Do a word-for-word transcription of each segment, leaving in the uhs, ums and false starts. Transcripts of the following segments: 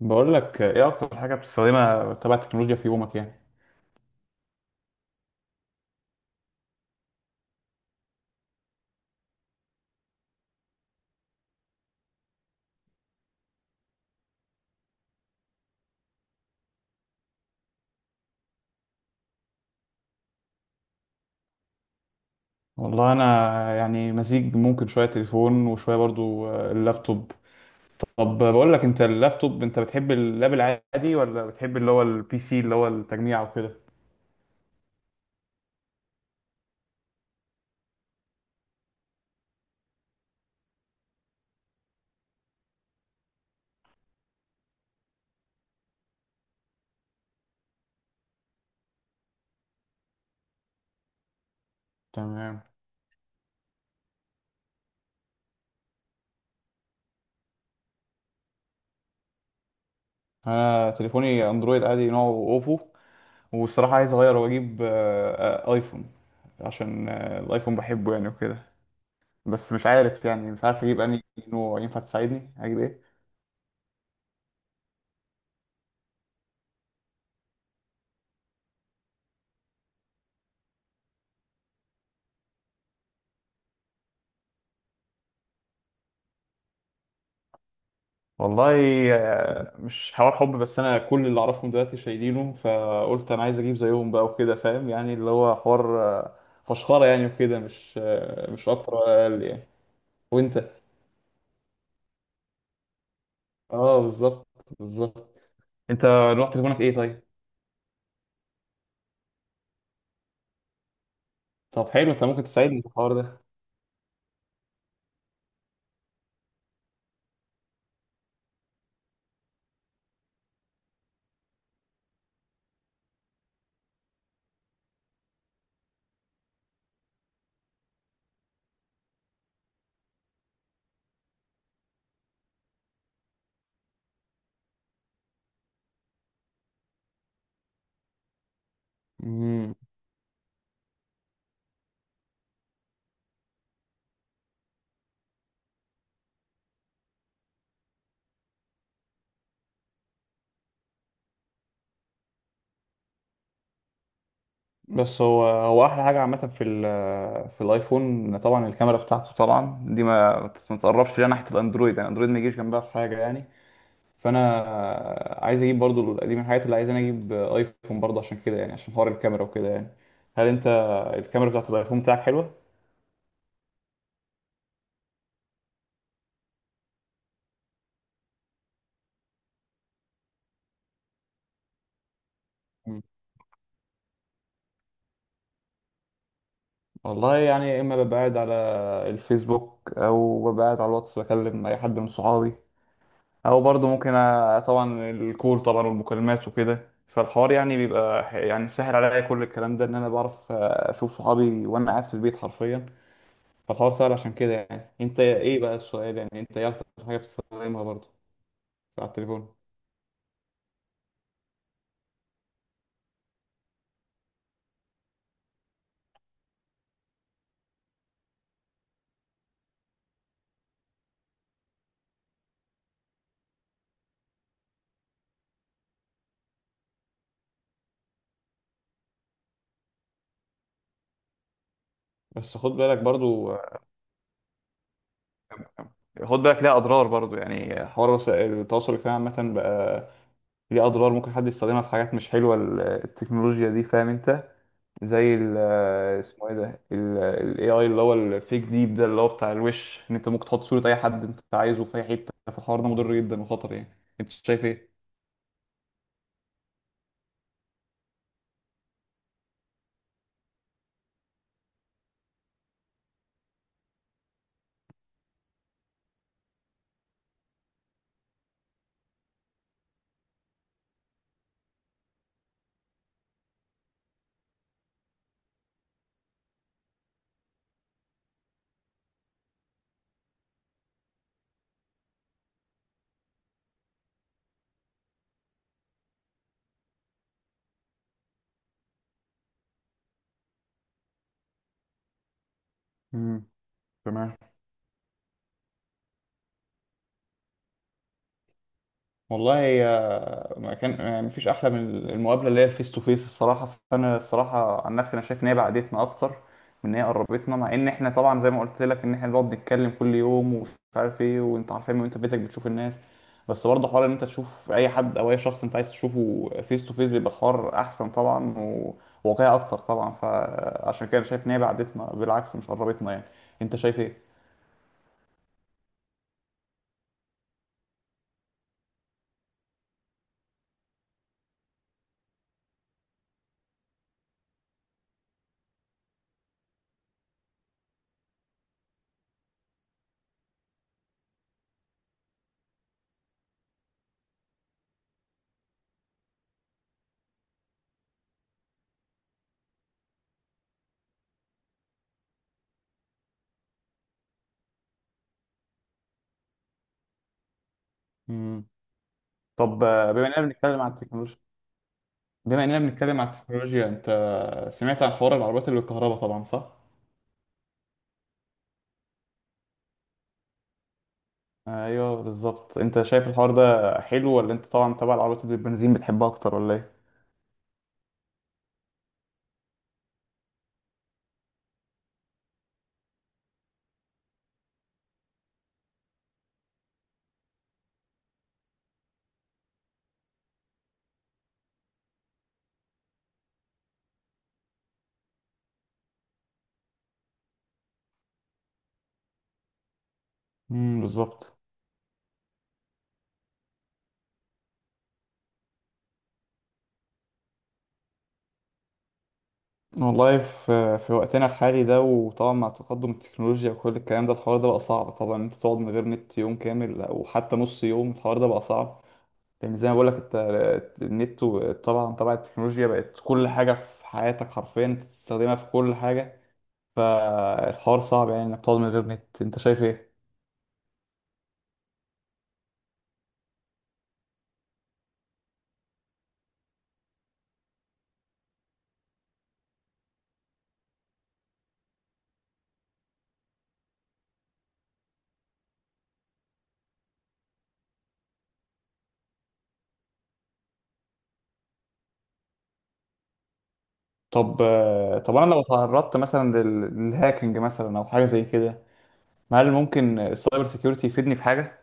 بقول لك ايه اكتر حاجه بتستخدمها تبع التكنولوجيا في يومك يعني؟ والله انا يعني مزيج، ممكن شويه تليفون وشويه برضو آه، اللابتوب. طب بقول لك، انت اللابتوب، انت بتحب اللاب العادي ولا بتحب اللي هو البي سي اللي هو التجميع وكده؟ تمام. انا تليفوني اندرويد عادي، نوعه اوبو. والصراحه عايز اغير واجيب آه، آه، ايفون. عشان آه، الايفون بحبه يعني وكده. بس مش عارف، يعني مش عارف اجيب انهي نوع. ينفع تساعدني اجيب ايه؟ والله آه، مش حوار حب. بس انا كل اللي اعرفهم دلوقتي شايلينه، فقلت انا عايز اجيب زيهم بقى وكده، فاهم؟ يعني اللي هو حوار آه، فشخره يعني وكده، مش آه، مش اكتر ولا اقل يعني. وانت؟ اه بالظبط. بالظبط. انت نوع تليفونك ايه طيب؟ طب حلو. انت ممكن تساعدني في الحوار ده؟ مم. بس هو هو احلى حاجه عامه في ال- في الايفون، طبعا الكاميرا بتاعته طبعا دي ما ما تقربش ليها ناحيه الاندرويد. يعني الاندرويد ما يجيش جنبها في حاجه يعني. فانا عايز اجيب برضو، دي من الحاجات اللي عايز انا اجيب ايفون برضو عشان كده يعني، عشان حوار الكاميرا وكده يعني. هل انت الكاميرا بتاعت الايفون بتاعك حلوة؟ مم. والله يعني يا اما ببقى قاعد على الفيسبوك او ببقى قاعد على الواتس، بكلم اي حد من صحابي، او برضو ممكن أ- طبعا الكول طبعا والمكالمات وكده. فالحوار يعني بيبقى ح- يعني سهل عليا، كل الكلام ده ان انا بعرف اشوف صحابي وانا قاعد في البيت حرفيا. فالحوار سهل عشان كده يعني. انت ايه بقى السؤال، يعني انت ايه اكتر حاجة بتستخدمها برضو على التليفون؟ بس خد بالك برضو خد بالك ليها اضرار برضو. يعني حوار وسائل التواصل الاجتماعي عامه بقى ليه اضرار، ممكن حد يستخدمها في حاجات مش حلوه، ال- التكنولوجيا دي. فاهم انت؟ زي ال اسمه ايه ده، الاي اي اللي هو الفيك ديب ده، اللي هو بتاع الوش. ان انت ممكن تحط صوره اي حد انت عايزه في اي حته، فالحوار ده مضر جدا وخطر يعني. انت شايف ايه؟ امم. تمام. والله يا- ما كان يعني مفيش احلى من المقابله اللي هي فيس تو فيس الصراحه. فانا الصراحه عن نفسي انا شايف ان هي بعدتنا اكتر من ان هي قربتنا، مع ان احنا طبعا زي ما قلت لك ان احنا بنقعد نتكلم كل يوم ومش عارف ايه، وانت عارفين وانت في بيتك بتشوف الناس. بس برضه حوار ان انت تشوف اي حد او اي شخص انت عايز تشوفه فيس تو فيس بيبقى الحوار احسن طبعا، وواقعي اكتر طبعا. فعشان كده أنا شايف ان هي بعدتنا، بالعكس مش قربتنا يعني. انت شايف ايه؟ مم. طب آه، بما اننا بنتكلم عن التكنولوجيا بما اننا بنتكلم عن التكنولوجيا، سمعت عن حوار العربيات اللي بالكهرباء طبعا، صح؟ ايوه بالظبط. انت شايف الحوار ده حلو، ولا انت طبعا تبع العربيات اللي بالبنزين بتحبها اكتر، ولا ايه؟ امم، بالظبط. والله في في وقتنا الحالي ده، وطبعا مع تقدم التكنولوجيا وكل الكلام ده، الحوار ده بقى صعب طبعا. انت تقعد من غير نت يوم كامل او حتى نص يوم، الحوار ده بقى صعب. لان زي ما بقول لك انت، النت و- طبعا طبعا التكنولوجيا بقت كل حاجه في حياتك حرفيا، انت بتستخدمها في كل حاجه. فالحوار صعب يعني انك تقعد من غير نت. انت شايف ايه؟ طب آه، طب انا لو تعرضت مثلا لل- للهاكينج مثلا او حاجه زي كده، هل ممكن السايبر سيكيورتي يفيدني في حاجه؟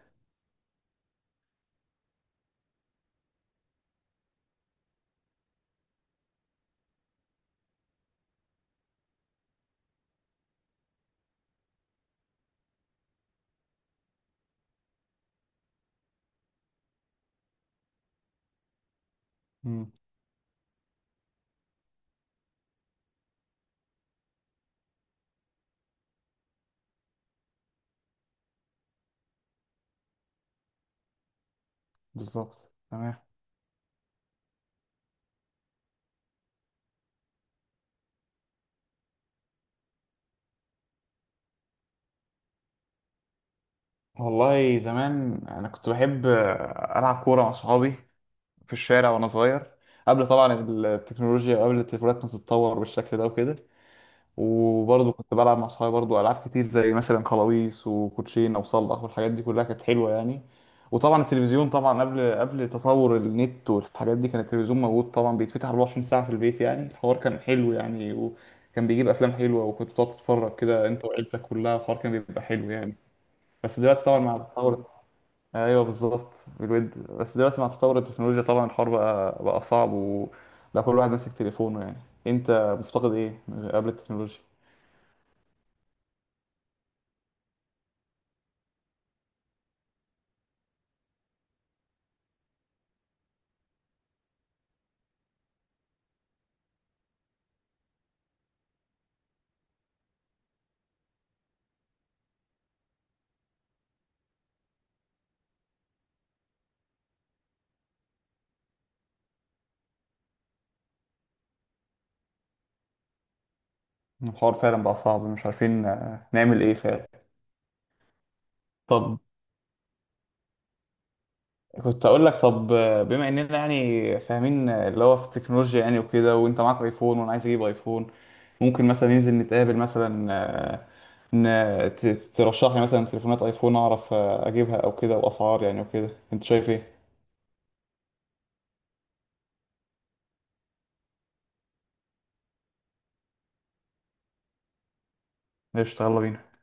امم، بالظبط. تمام. والله زمان انا كنت بحب آه، العب كوره مع صحابي في الشارع وانا صغير، قبل طبعا التكنولوجيا، وقبل التليفونات ما تتطور بالشكل ده وكده. وبرضه كنت بلعب مع صحابي برضه ألعاب كتير، زي مثلا خلاويص وكوتشينة وصلخ، والحاجات دي كلها كانت حلوة يعني. وطبعا التلفزيون طبعا، قبل قبل تطور النت والحاجات دي، كان التلفزيون موجود طبعا، بيتفتح اربعة وعشرين ساعة في البيت يعني. الحوار كان حلو يعني، وكان بيجيب أفلام حلوة، وكنت بتقعد تتفرج كده أنت وعيلتك كلها، الحوار كان بيبقى حلو يعني. بس دلوقتي طبعا مع تطور. ايوه بالظبط. بالود. بس دلوقتي مع تطور التكنولوجيا طبعا، الحوار بقى بقى صعب، وبقى كل واحد ماسك تليفونه يعني. انت مفتقد ايه قبل التكنولوجيا؟ الحوار فعلا بقى صعب، مش عارفين آه، نعمل ايه فعلا. طب كنت اقول لك، طب آه، بما اننا يعني فاهمين آه، اللي هو في التكنولوجيا يعني وكده، وانت معاك ايفون وانا عايز اجيب ايفون، ممكن مثلا ننزل نتقابل مثلا، آه، ن- ت- ترشح لي مثلا تليفونات ايفون اعرف آه، اجيبها او كده، واسعار يعني وكده. انت شايف ايه؟ قشطة، يلا بينا.